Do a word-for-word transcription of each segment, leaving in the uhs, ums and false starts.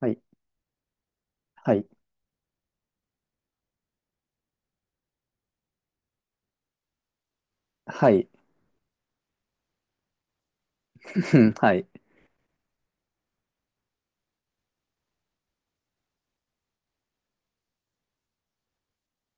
はい、はい、はい、はい。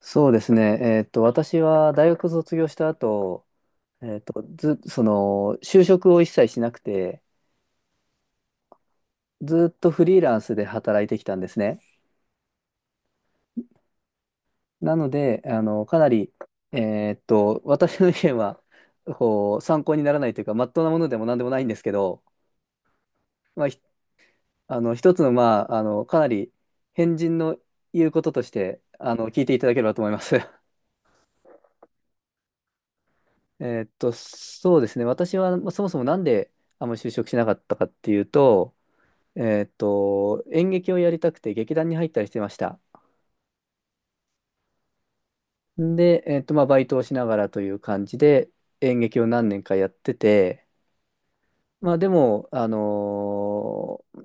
そうですね。えっと、私は大学卒業した後、えっと、ず、その、就職を一切しなくて、ずっとフリーランスで働いてきたんですね。なので、あの、かなり、えっと、私の意見は、こう、参考にならないというか、まっとうなものでも何でもないんですけど、まあ、ひあの、一つの、まあ、あの、かなり、変人の言うこととして、あの、聞いていただければと思います。えーっと、そうですね。私はまあそもそもなんであんまり就職しなかったかっていうと、えーっと、演劇をやりたくて劇団に入ったりしてました。で、えーっと、まあ、バイトをしながらという感じで演劇を何年かやってて、まあ、でも、あのー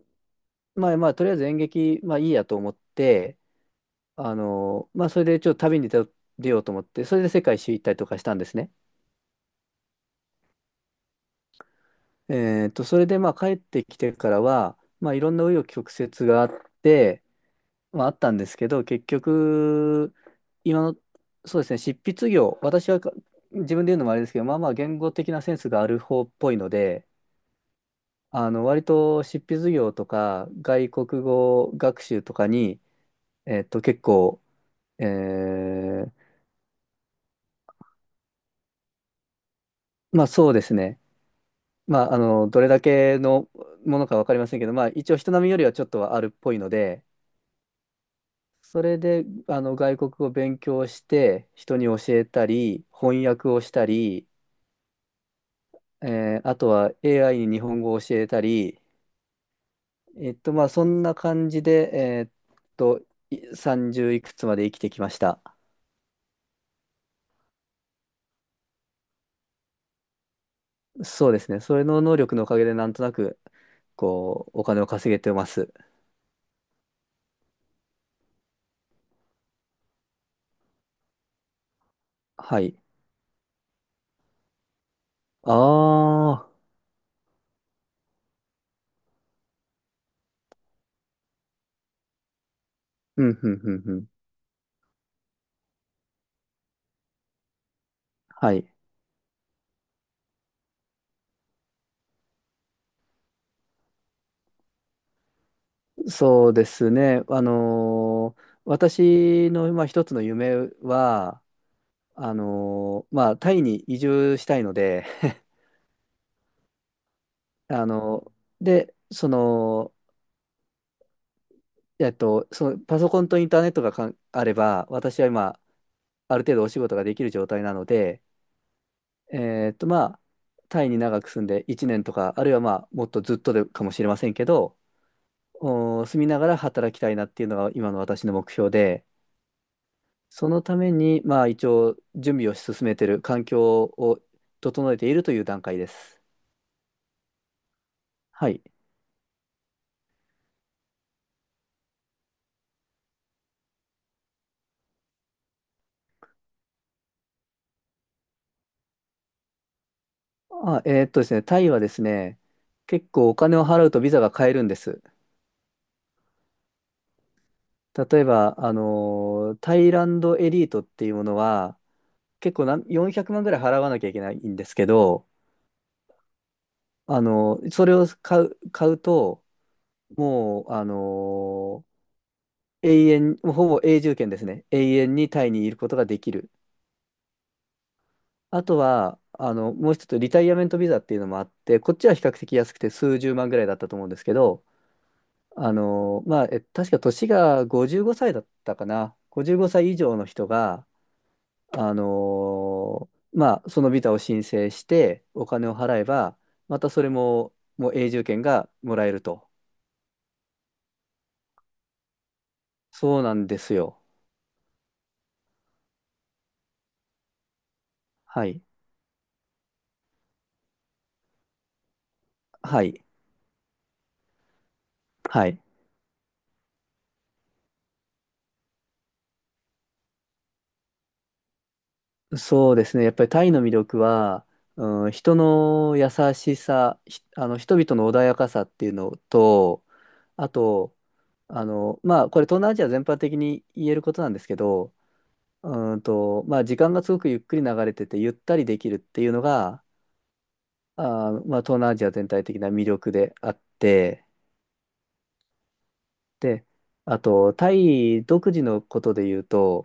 まあ、まあ、とりあえず演劇、まあ、いいやと思って、あのーまあ、それでちょっと旅に出よ出ようと思って、それで世界一周行ったりとかしたんですね。えーっと、それで、まあ、帰ってきてからは、まあ、いろんな紆余曲折があって、はああったんですけど、結局、今の、そうですね、執筆業、私はか自分で言うのもあれですけど、まあまあ言語的なセンスがある方っぽいので、あの割と執筆業とか外国語学習とかに、えっと、結構、えーまあそうですね、まあ、あのどれだけのものか分かりませんけど、まあ、一応人並みよりはちょっとはあるっぽいので、それであの外国語を勉強して人に教えたり翻訳をしたりえーあとは エーアイ に日本語を教えたり、えっと、まあ、そんな感じで、えーっと、いさんじゅういくつまで生きてきました。そうですね。それの能力のおかげで、なんとなく、こう、お金を稼げてます。はい。ああ、うん、うん、うん、うん。はい。そうですね。あのー私の、まあ、一つの夢は、あのーまあ、タイに移住したいので、あのーで、その、えっと、そのパソコンとインターネットがかんあれば、私は今、ある程度お仕事ができる状態なので、えっと、まあ、タイに長く住んでいちねんとか、あるいはまあ、もっとずっとでかもしれませんけど、お住みながら働きたいなっていうのが今の私の目標で、そのために、まあ、一応、準備を進めている、環境を整えているという段階です。はい。あ、えっとですね、タイはですね、結構お金を払うとビザが買えるんです。例えば、あのータイランドエリートっていうものは、結構なんよんひゃくまんぐらい払わなきゃいけないんですけど、あのーそれを買う、買うと、もう、あのー永遠、ほぼ永住権ですね。永遠にタイにいることができる。あとは、あの、もう一つ、リタイアメントビザっていうのもあって、こっちは比較的安くて数十万ぐらいだったと思うんですけど、あのーまあ、え確か年がごじゅうごさいだったかな。ごじゅうごさい以上の人が、あのーまあ、そのビザを申請して、お金を払えば、またそれも、もう永住権がもらえると。そうなんですよ。はい。はい。はい。そうですね。やっぱりタイの魅力は、うん、人の優しさ、ひあの、人々の穏やかさっていうのと、あと、あの、まあ、これ東南アジア全般的に言えることなんですけど、うんと、まあ、時間がすごくゆっくり流れてて、ゆったりできるっていうのが、あー、まあ、東南アジア全体的な魅力であって、で、あと、タイ独自のことで言うと、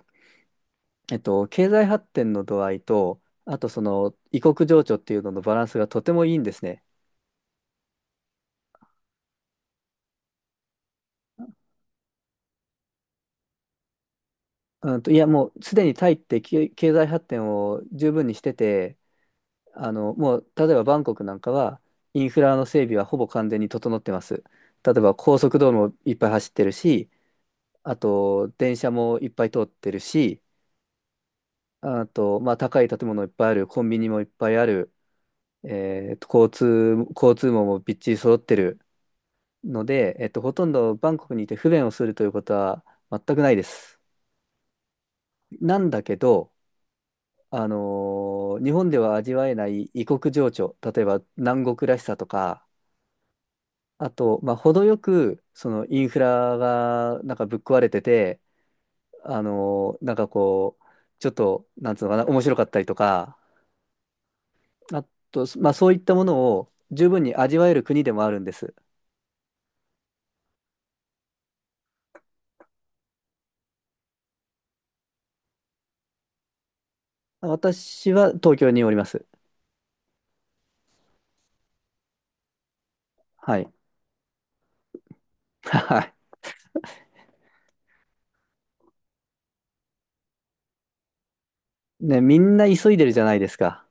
えっと、経済発展の度合いと、あとその異国情緒っていうののバランスがとてもいいんですね。うんと、いや、もうすでにタイって経経済発展を十分にしてて、あの、もう例えばバンコクなんかはインフラの整備はほぼ完全に整ってます。例えば高速道路もいっぱい走ってるし、あと電車もいっぱい通ってるし、あと、まあ、高い建物いっぱいある、コンビニもいっぱいある、えーと、交通、交通網もびっちり揃ってるので、えっと、ほとんどバンコクにいて不便をするということは全くないです。なんだけど、あのー日本では味わえない異国情緒、例えば南国らしさとか、あと、まあ、程よくそのインフラがなんかぶっ壊れてて、あのーなんかこう、ちょっと、なんつうのかな、面白かったりとか、あと、まあ、そういったものを十分に味わえる国でもあるんです。私は東京におります。はい。はい。ね、みんな急いでるじゃないですか。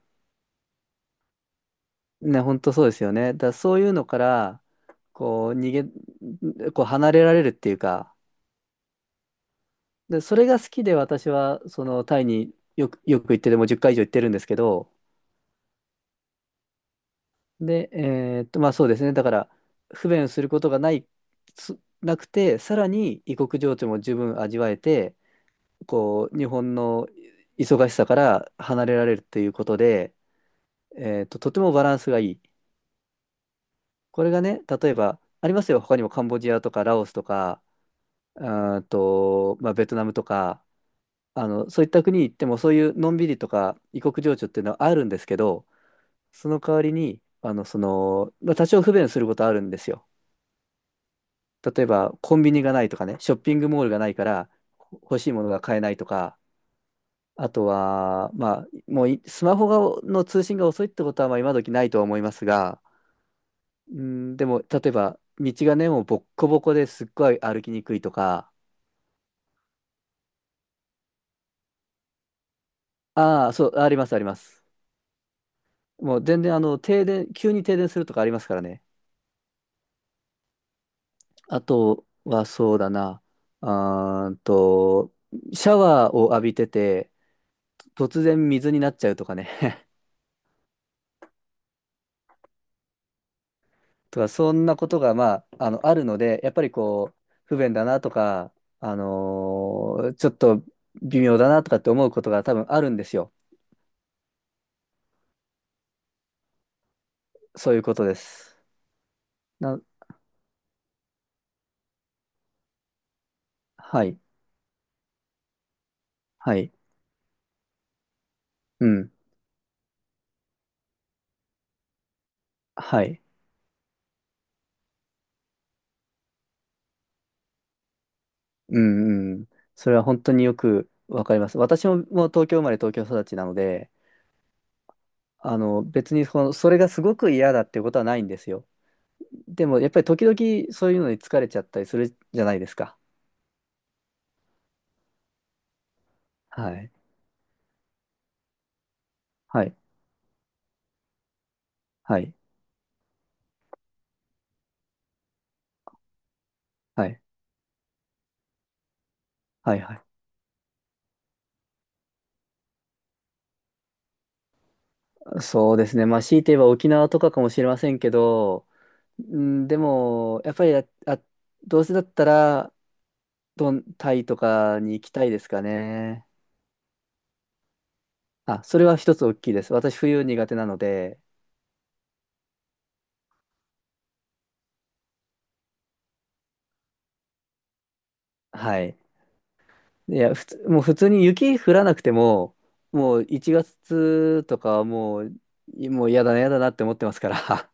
ね、本当そうですよね。だからそういうのから、こう、逃げ、こう、離れられるっていうか、で、それが好きで私は、その、タイによく、よく行ってて、もうじゅっかい以上行ってるんですけど、で、えーっと、まあそうですね。だから、不便することがない、すなくて、さらに異国情緒も十分味わえて、こう、日本の忙しさから離れられるということで、えーと、とてもバランスがいい。これがね、例えば、ありますよ、他にもカンボジアとかラオスとか、うーんと、まあ、ベトナムとか、あの、そういった国に行っても、そういうのんびりとか異国情緒っていうのはあるんですけど、その代わりに、あの、その、まあ、多少不便することあるんですよ。例えば、コンビニがないとかね、ショッピングモールがないから、欲しいものが買えないとか、あとは、まあ、もういスマホがの通信が遅いってことはまあ今時ないとは思いますが、うん、でも、例えば、道がね、もうボッコボコですっごい歩きにくいとか、ああ、そう、あります、あります。もう全然、あの、停電、急に停電するとかありますからね。あとは、そうだな、あーんと、シャワーを浴びてて、突然水になっちゃうとかね。とか、そんなことが、まあ、あの、あるので、やっぱりこう、不便だなとか、あのーちょっと微妙だなとかって思うことが多分あるんですよ。そういうことです。な、はい、はい、うん、はい、うん、うん。それは本当によくわかります。私も、もう東京生まれ東京育ちなので、あの、別にその、それがすごく嫌だっていうことはないんですよ。でも、やっぱり時々そういうのに疲れちゃったりするじゃないですか。はい、はい、はい、はい、はい、はい。そうですね。まあ、強いて言えば沖縄とかかもしれませんけど、うん、でも、やっぱりあ、あどうせだったら、どん、タイとかに行きたいですかね。あ、それは一つ大きいです。私、冬苦手なので、はい。いや、普通、もう普通に雪降らなくても、もういちがつとかはもう、もう嫌だな、嫌だなって思ってますから。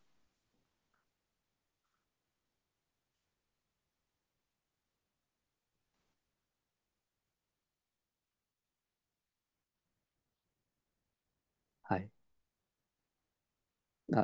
はい。あ